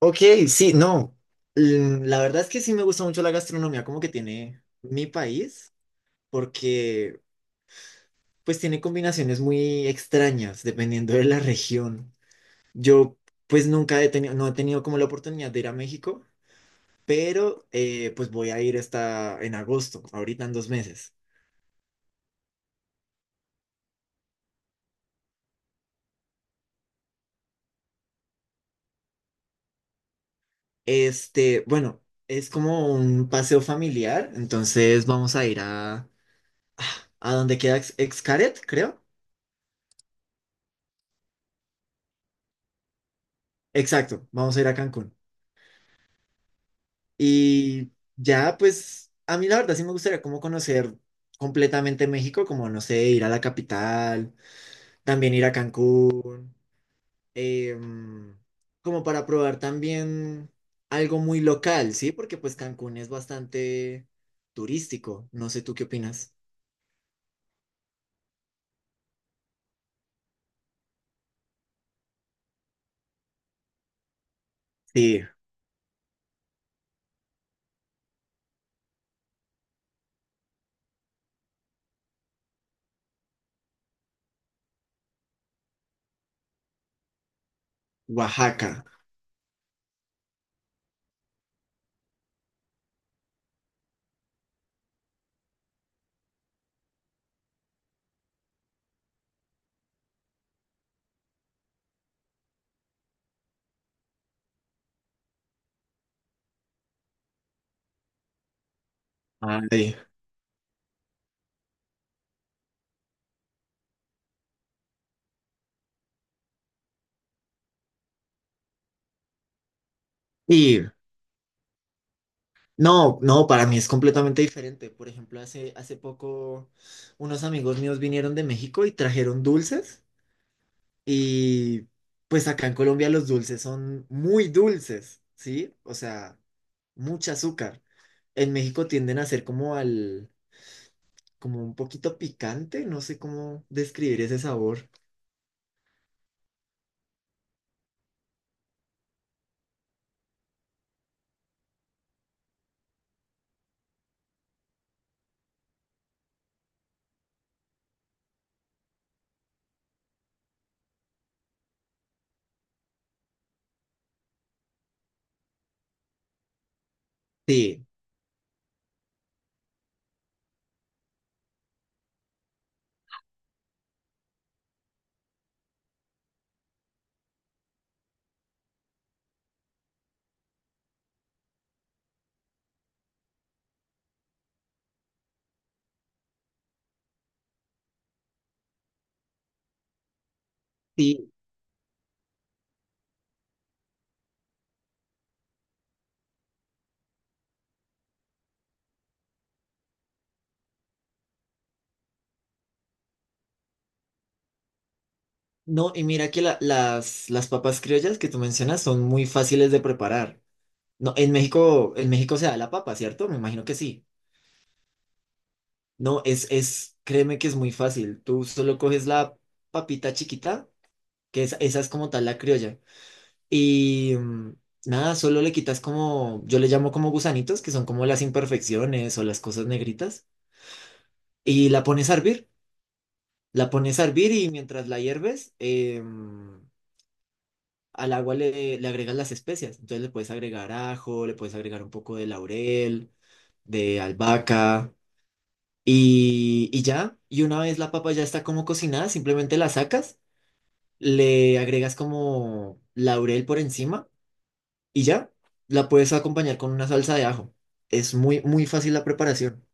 Ok, sí, no. La verdad es que sí me gusta mucho la gastronomía como que tiene mi país, porque pues tiene combinaciones muy extrañas dependiendo de la región. Yo pues nunca he tenido, no he tenido como la oportunidad de ir a México, pero pues voy a ir esta en agosto, ahorita en dos meses. Bueno, es como un paseo familiar, entonces vamos a ir a donde queda Xcaret, creo. Exacto, vamos a ir a Cancún. Y ya, pues, a mí la verdad sí me gustaría como conocer completamente México, como, no sé, ir a la capital, también ir a Cancún, em, como para probar también algo muy local, ¿sí? Porque pues Cancún es bastante turístico, no sé tú qué opinas. Sí, Oaxaca. Ay. Y no, no, para mí es completamente diferente. Por ejemplo, hace poco unos amigos míos vinieron de México y trajeron dulces. Y pues acá en Colombia los dulces son muy dulces, ¿sí? O sea, mucho azúcar. En México tienden a ser como al, como un poquito picante, no sé cómo describir ese sabor. Sí, sí. No, y mira que las papas criollas que tú mencionas son muy fáciles de preparar. No, en México se da la papa, ¿cierto? Me imagino que sí. No, es, créeme que es muy fácil. Tú solo coges la papita chiquita, que esa es como tal la criolla. Y nada, solo le quitas como, yo le llamo como gusanitos, que son como las imperfecciones o las cosas negritas, y la pones a hervir. La pones a hervir y mientras la hierves, al agua le agregas las especias. Entonces le puedes agregar ajo, le puedes agregar un poco de laurel, de albahaca, y ya. Y una vez la papa ya está como cocinada, simplemente la sacas, le agregas como laurel por encima y ya la puedes acompañar con una salsa de ajo. Es muy, muy fácil la preparación.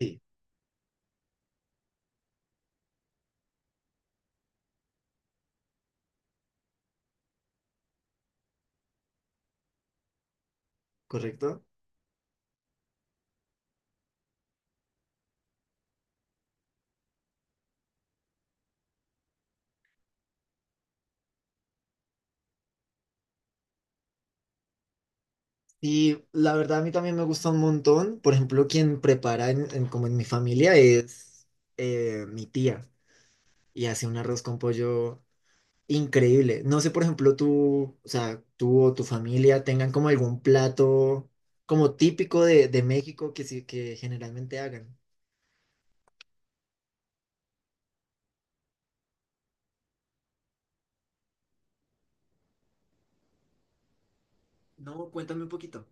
Sí, correcto. Y la verdad a mí también me gusta un montón. Por ejemplo, quien prepara como en mi familia es mi tía y hace un arroz con pollo increíble. No sé, por ejemplo, tú, o sea, tú o tu familia tengan como algún plato como típico de México que sí, que generalmente hagan. No, cuéntame un poquito.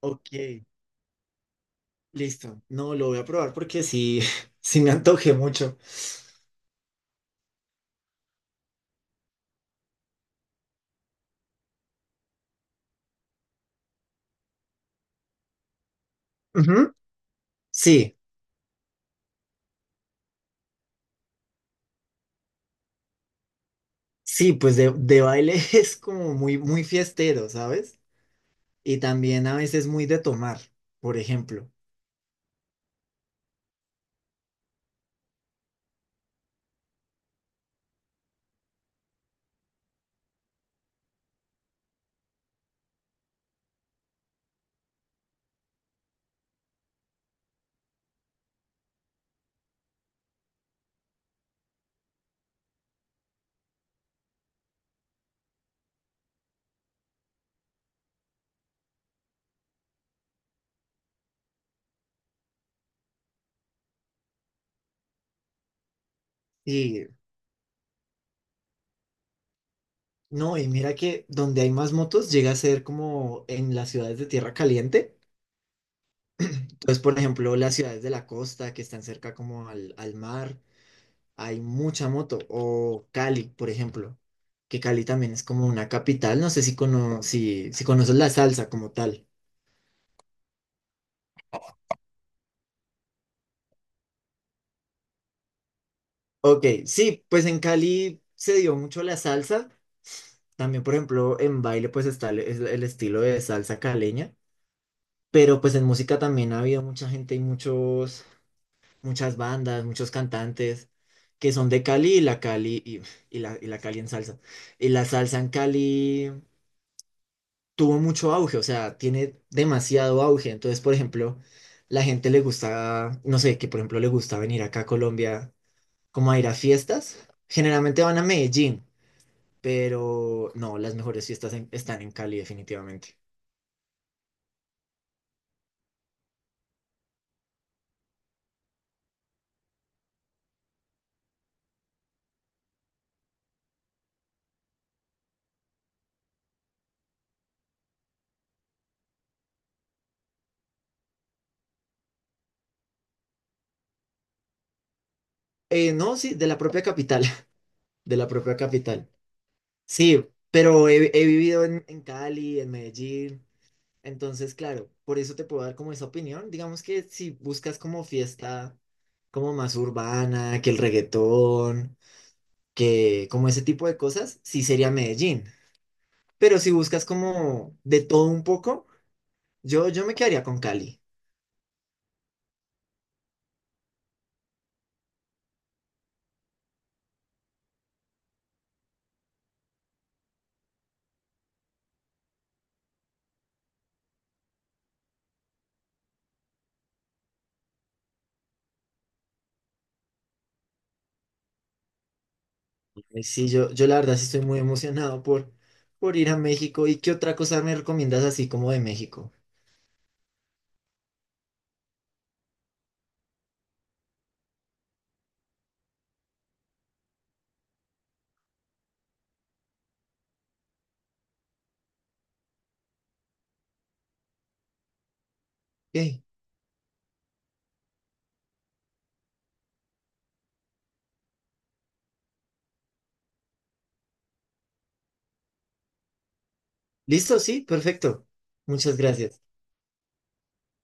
Ok. Listo. No, lo voy a probar porque sí, sí me antojé mucho. Ujú. Sí, sí, pues de baile es como muy, muy fiestero, ¿sabes? Y también a veces muy de tomar, por ejemplo. Y no, y mira que donde hay más motos llega a ser como en las ciudades de tierra caliente. Entonces, por ejemplo, las ciudades de la costa que están cerca como al mar. Hay mucha moto. O Cali, por ejemplo, que Cali también es como una capital. No sé si, cono si, si conoces la salsa como tal. Ok, sí, pues en Cali se dio mucho la salsa. También, por ejemplo, en baile pues está es el estilo de salsa caleña. Pero pues en música también ha habido mucha gente y muchas bandas, muchos cantantes que son de Cali y la Cali y la Cali en salsa. Y la salsa en Cali. Tuvo mucho auge, o sea, tiene demasiado auge. Entonces, por ejemplo, la gente le gusta, no sé, que por ejemplo le gusta venir acá a Colombia como a ir a fiestas. Generalmente van a Medellín, pero no, las mejores fiestas están en Cali definitivamente. No, sí, de la propia capital, de la propia capital. Sí, pero he vivido en Cali, en Medellín. Entonces, claro, por eso te puedo dar como esa opinión. Digamos que si buscas como fiesta como más urbana, que el reggaetón, que como ese tipo de cosas, sí sería Medellín. Pero si buscas como de todo un poco, yo me quedaría con Cali. Y sí, yo la verdad sí estoy muy emocionado por ir a México. ¿Y qué otra cosa me recomiendas así como de México? Ok. Listo, sí, perfecto. Muchas gracias.